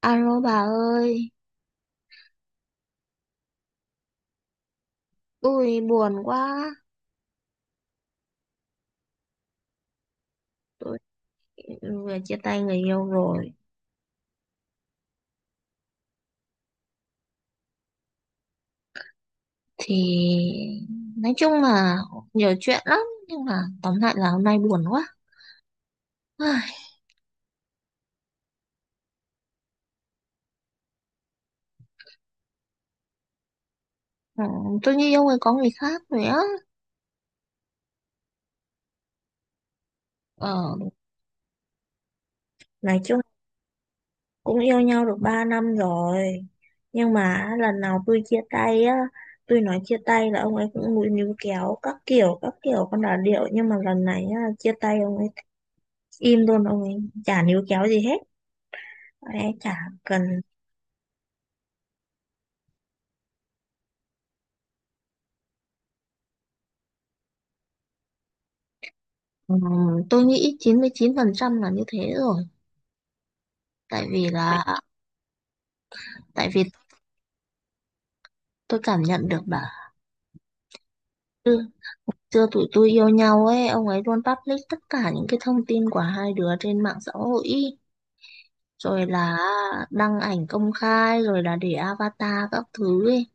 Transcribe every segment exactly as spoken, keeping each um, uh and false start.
Alo bà ơi, tôi buồn quá, tôi vừa chia tay người yêu rồi. Thì nói chung là nhiều chuyện lắm, nhưng mà tóm lại là hôm nay buồn quá. Ai, ừ, tôi như yêu người có người khác rồi á. Ờ, nói chung cũng yêu nhau được ba năm rồi. Nhưng mà lần nào tôi chia tay á, tôi nói chia tay là ông ấy cũng mũi níu kéo các kiểu, các kiểu con đà điệu. Nhưng mà lần này á, chia tay ông ấy im luôn, ông ấy chả níu kéo gì hết. Ông ấy chả cần. Ừm, tôi nghĩ chín chín mươi chín phần trăm là như thế rồi, tại vì là tại vì tôi cảm nhận được bà. Chưa chưa tụi tôi yêu nhau ấy, ông ấy luôn public tất cả những cái thông tin của hai đứa trên mạng xã hội, rồi là đăng ảnh công khai, rồi là để avatar các thứ ấy.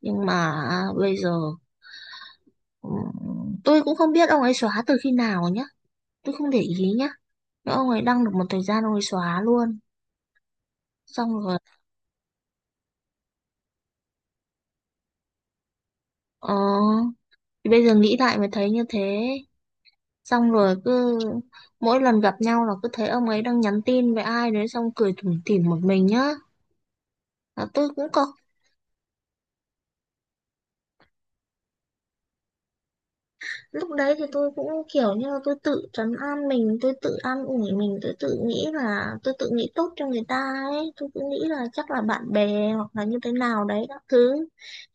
Nhưng mà à, bây giờ ừm, tôi cũng không biết ông ấy xóa từ khi nào nhá, tôi không để ý nhá, nhưng ông ấy đăng được một thời gian ông ấy xóa luôn. Xong rồi ờ, thì bây giờ nghĩ lại mới thấy như thế. Xong rồi cứ mỗi lần gặp nhau là cứ thấy ông ấy đang nhắn tin với ai đấy xong cười tủm tỉm một mình nhá, là tôi cũng có. Lúc đấy thì tôi cũng kiểu như là tôi tự trấn an mình, tôi tự an ủi mình, tôi tự nghĩ là tôi tự nghĩ tốt cho người ta ấy, tôi cứ nghĩ là chắc là bạn bè hoặc là như thế nào đấy các thứ.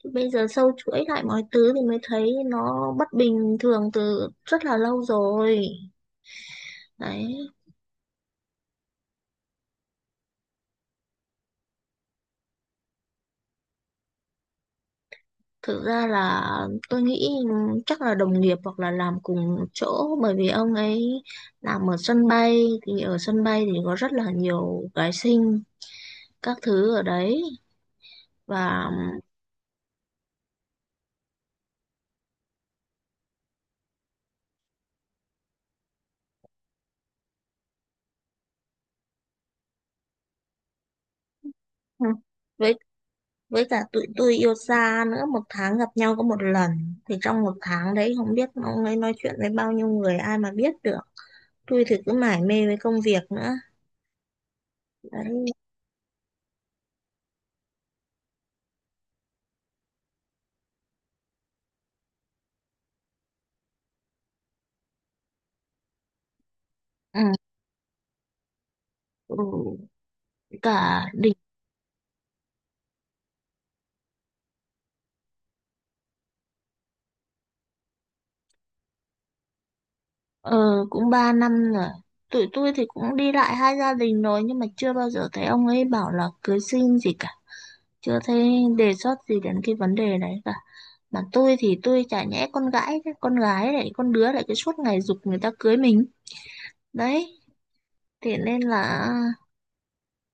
Thì bây giờ sâu chuỗi lại mọi thứ thì mới thấy nó bất bình thường từ rất là lâu rồi, đấy. Thực ra là tôi nghĩ chắc là đồng nghiệp hoặc là làm cùng chỗ, bởi vì ông ấy làm ở sân bay, thì ở sân bay thì có rất là nhiều gái xinh các thứ ở đấy. Và ừ, với với cả tụi tôi yêu xa nữa, một tháng gặp nhau có một lần thì trong một tháng đấy không biết ông ấy nói chuyện với bao nhiêu người ai mà biết được. Tôi thì cứ mải mê với công việc nữa, đấy. Ừ. Ừ. Cả đi. Ờ, cũng ba năm rồi. Tụi tôi thì cũng đi lại hai gia đình rồi nhưng mà chưa bao giờ thấy ông ấy bảo là cưới xin gì cả. Chưa thấy đề xuất gì đến cái vấn đề đấy cả. Mà tôi thì tôi chả nhẽ con gái, chứ, con gái lại con đứa lại cứ suốt ngày giục người ta cưới mình. Đấy, thế nên là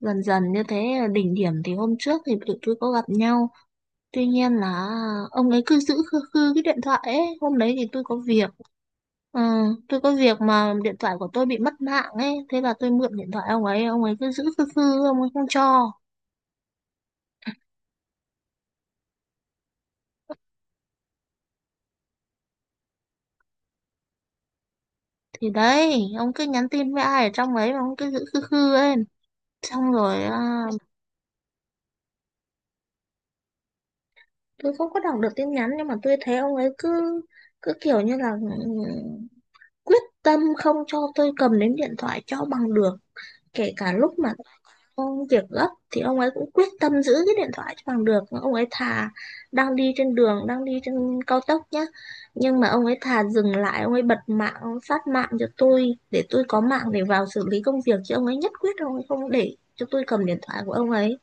dần dần như thế, đỉnh điểm thì hôm trước thì tụi tôi có gặp nhau. Tuy nhiên là ông ấy cứ giữ khư khư cái điện thoại ấy. Hôm đấy thì tôi có việc. Ừ, tôi có việc mà điện thoại của tôi bị mất mạng ấy, thế là tôi mượn điện thoại ông ấy, ông ấy cứ giữ khư khư, ông ấy không cho. Thì đấy, ông cứ nhắn tin với ai ở trong ấy mà ông cứ giữ khư khư ấy. Xong rồi à, tôi không có đọc được tin nhắn nhưng mà tôi thấy ông ấy cứ cứ kiểu như là ừ, quyết tâm không cho tôi cầm đến điện thoại cho bằng được, kể cả lúc mà công việc gấp thì ông ấy cũng quyết tâm giữ cái điện thoại cho bằng được. Ông ấy thà đang đi trên đường, đang đi trên cao tốc nhá. Nhưng mà ông ấy thà dừng lại, ông ấy bật mạng, ông phát mạng cho tôi để tôi có mạng để vào xử lý công việc. Chứ ông ấy nhất quyết ông ấy không để cho tôi cầm điện thoại của ông ấy.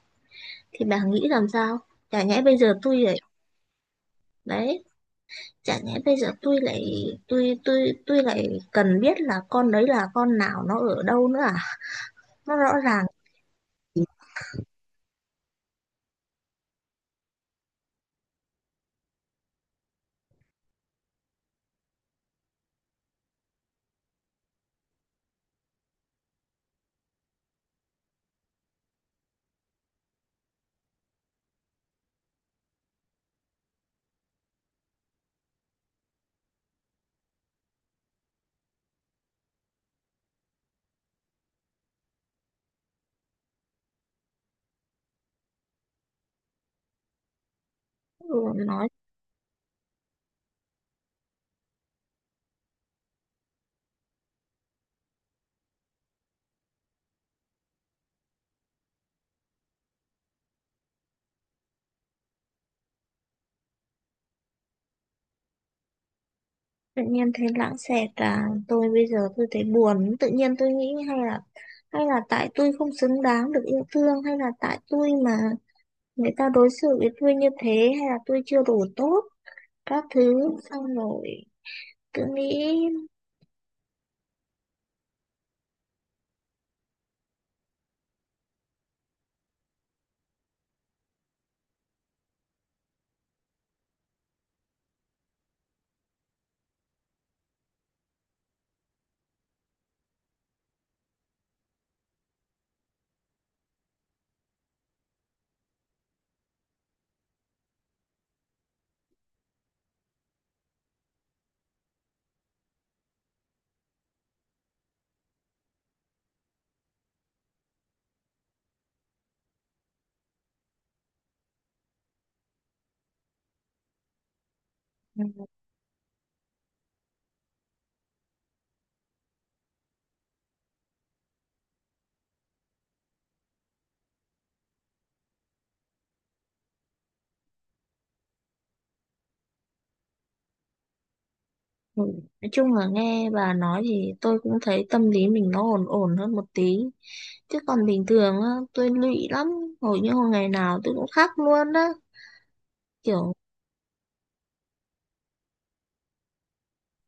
Thì bà nghĩ làm sao? Chả nhẽ bây giờ tôi lại, đấy, chả nhẽ bây giờ tôi lại, tôi tôi tôi lại cần biết là con đấy là con nào, nó ở đâu nữa à? Nó rõ ràng. Ừ, nói tự nhiên thấy lãng xẹt à, tôi bây giờ tôi thấy buồn, tự nhiên tôi nghĩ hay là, hay là tại tôi không xứng đáng được yêu thương, hay là tại tôi mà người ta đối xử với tôi như thế, hay là tôi chưa đủ tốt các thứ, xong rồi cứ nghĩ. Ừ, nói chung là nghe bà nói thì tôi cũng thấy tâm lý mình nó ổn ổn hơn một tí, chứ còn bình thường á tôi lụy lắm, hầu như hồi ngày nào tôi cũng khóc luôn á, kiểu.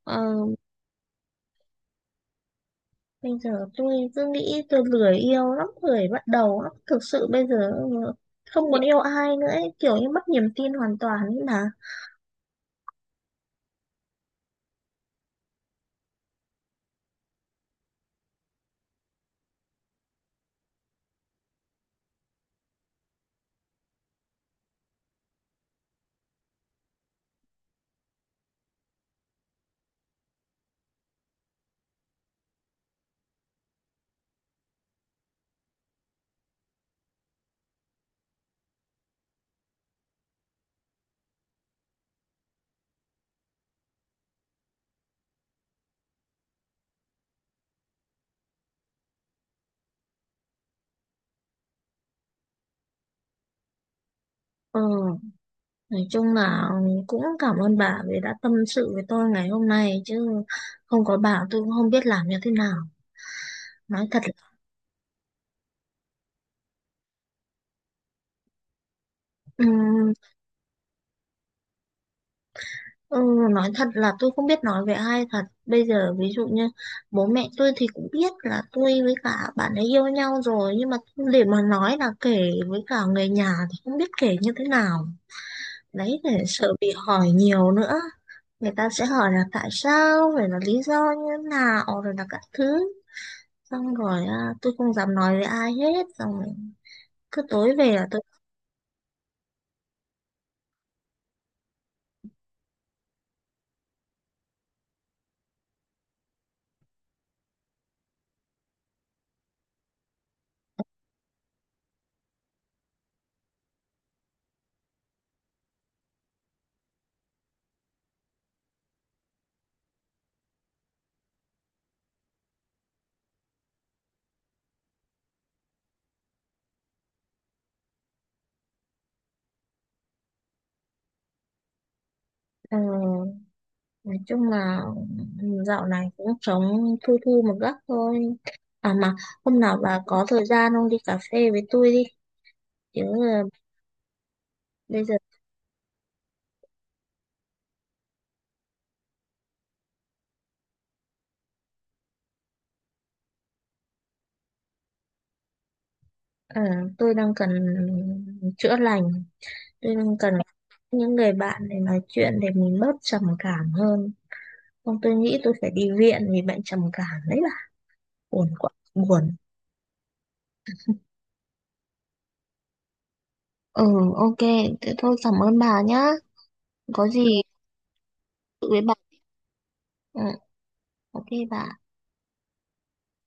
ờ, Bây giờ tôi cứ nghĩ tôi lười yêu lắm, lười bắt đầu lắm. Thực sự bây giờ không muốn yêu ai nữa ấy, kiểu như mất niềm tin hoàn toàn ấy mà. Ừ, nói chung là cũng cảm ơn bà vì đã tâm sự với tôi ngày hôm nay, chứ không có bà tôi cũng không biết làm như thế nào. Nói thật là, Ừ, nói thật là tôi không biết nói với ai thật bây giờ, ví dụ như bố mẹ tôi thì cũng biết là tôi với cả bạn ấy yêu nhau rồi, nhưng mà để mà nói là kể với cả người nhà thì không biết kể như thế nào, đấy, để sợ bị hỏi nhiều nữa. Người ta sẽ hỏi là tại sao, rồi là lý do như thế nào, rồi là các thứ. Xong rồi à, tôi không dám nói với ai hết, xong rồi cứ tối về là tôi, ừ, nói chung là ừ, dạo này cũng sống thu thu một góc thôi. À mà hôm nào bà có thời gian không, đi cà phê với tôi đi, chứ ờ, bây giờ ờ, tôi đang cần chữa lành, tôi đang cần những người bạn để nói chuyện để mình bớt trầm cảm hơn, không tôi nghĩ tôi phải đi viện vì bệnh trầm cảm đấy bà, buồn quá buồn. Ừ, ok, thế thôi cảm ơn bà nhá, có gì tự với bà. Ừ, ok bà.